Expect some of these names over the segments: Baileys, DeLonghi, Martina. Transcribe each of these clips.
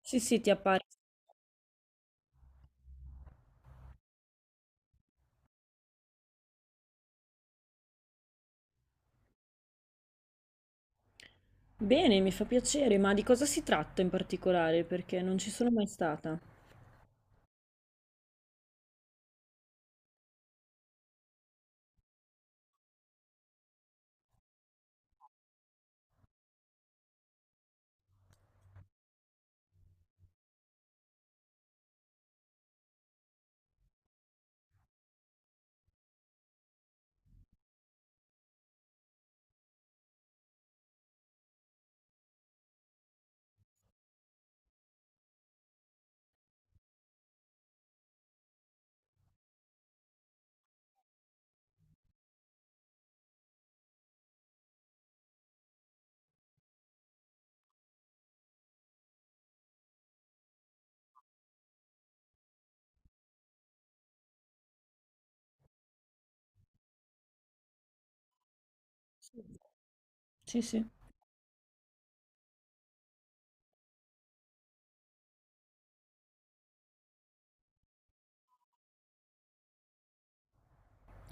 Sì, sì, ti appare. Bene, mi fa piacere, ma di cosa si tratta in particolare? Perché non ci sono mai stata. Sì, sì.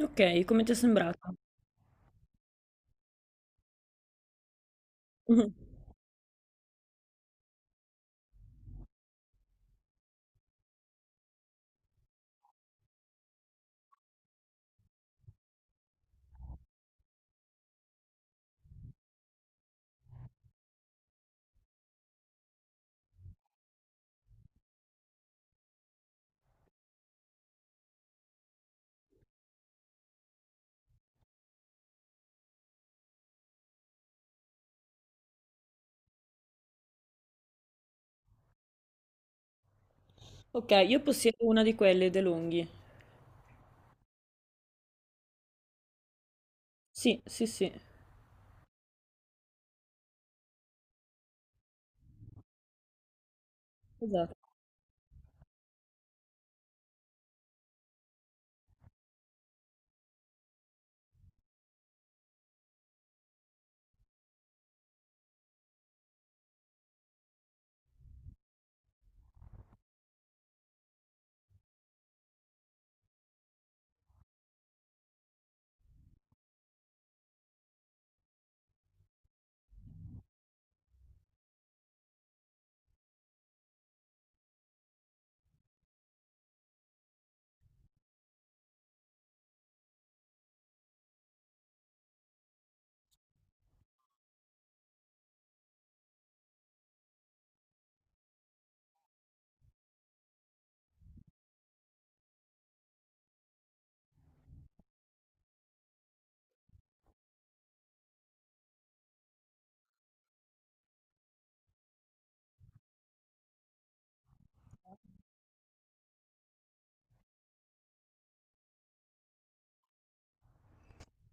Ok, come ti è sembrato? Ok, io possiedo una di quelle, DeLonghi. Sì, sì, sì, esatto.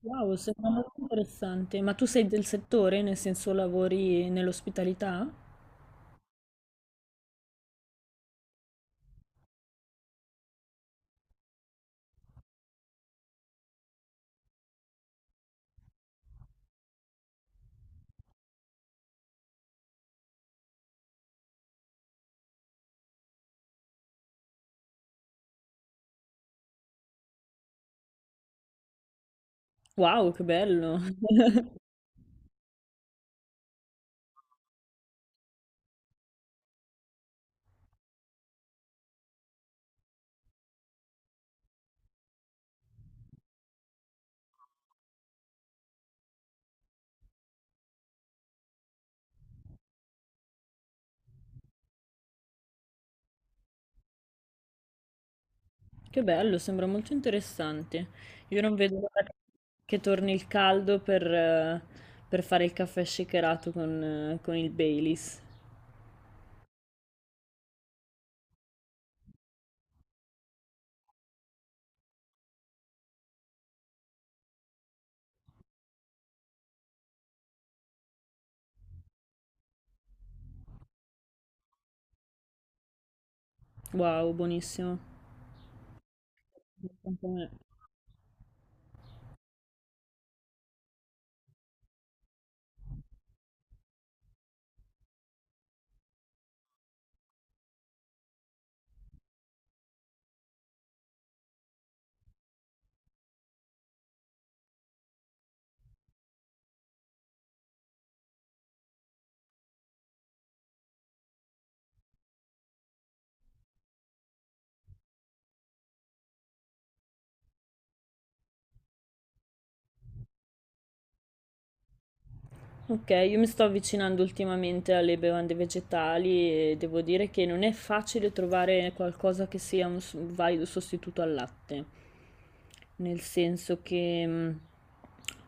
Wow, sembra molto interessante. Ma tu sei del settore, nel senso lavori nell'ospitalità? Wow, che bello! Che bello, sembra molto interessante. Io non vedo l'ora che torni il caldo per fare il caffè shakerato con il Baileys. Wow, buonissimo. Anche a me. Ok, io mi sto avvicinando ultimamente alle bevande vegetali e devo dire che non è facile trovare qualcosa che sia un valido sostituto al latte, nel senso che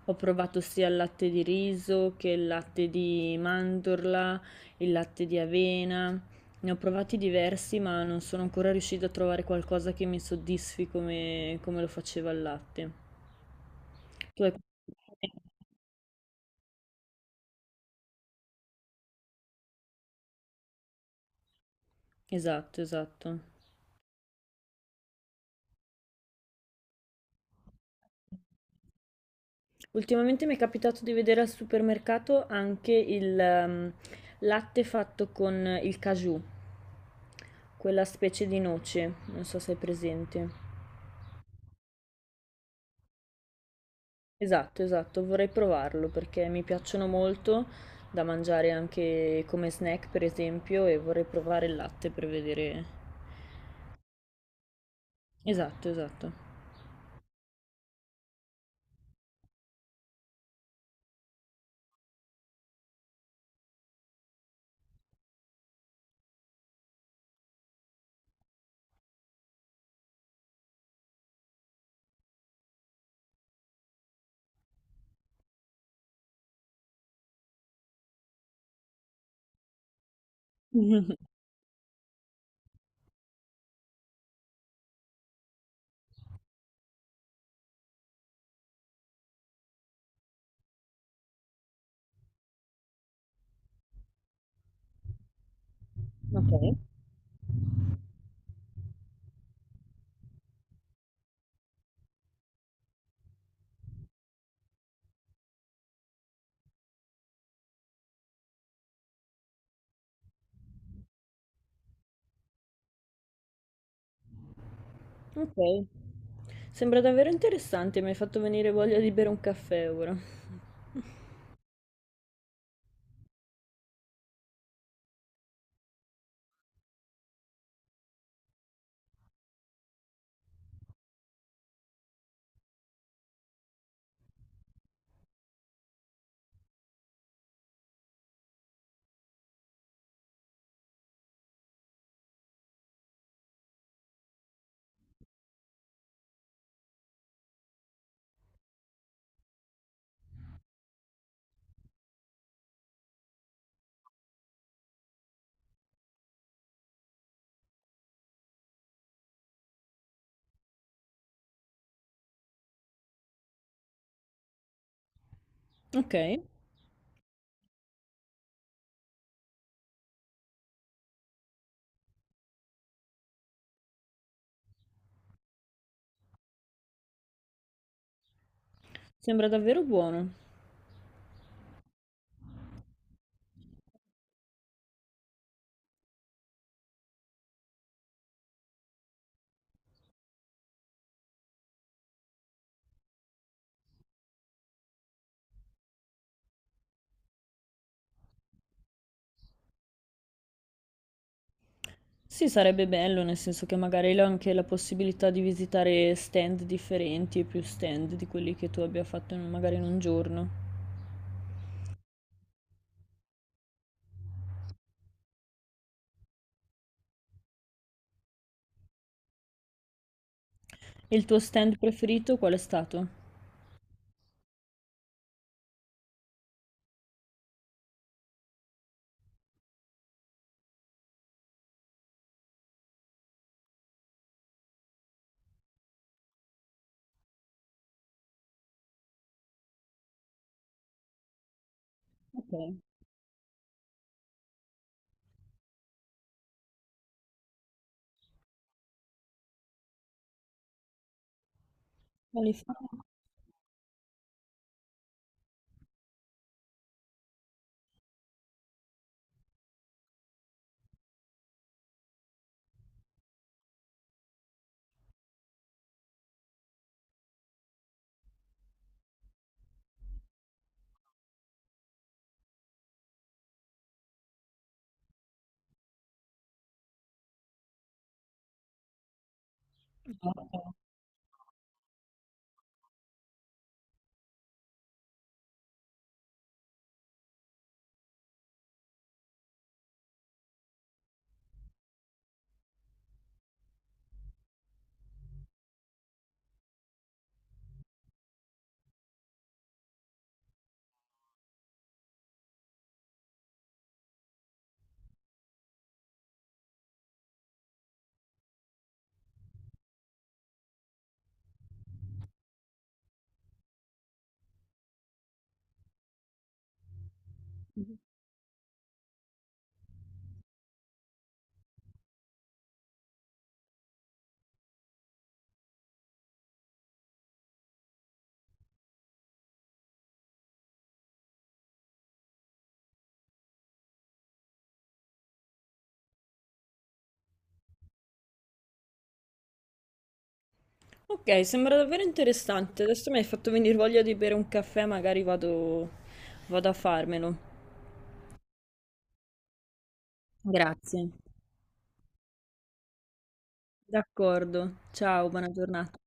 ho provato sia il latte di riso che il latte di mandorla, il latte di avena, ne ho provati diversi ma non sono ancora riuscita a trovare qualcosa che mi soddisfi come, come lo faceva il latte. Tu hai... Esatto, esatto. Ultimamente mi è capitato di vedere al supermercato anche il latte fatto con il caju, quella specie di noce, non so se è presente. Esatto, esatto, vorrei provarlo perché mi piacciono molto da mangiare anche come snack, per esempio, e vorrei provare il latte per vedere. Esatto, esatto. Ok, ok. Sembra davvero interessante, mi hai fatto venire voglia di bere un caffè ora. Ok. Sembra davvero buono. Sì, sarebbe bello, nel senso che magari ho anche la possibilità di visitare stand differenti e più stand di quelli che tu abbia fatto in magari in un giorno. E il tuo stand preferito qual è stato? Ok, quali fa- Ok, sembra davvero interessante. Adesso mi hai fatto venire voglia di bere un caffè, magari vado, vado a farmelo. Grazie. D'accordo. Ciao, buona giornata.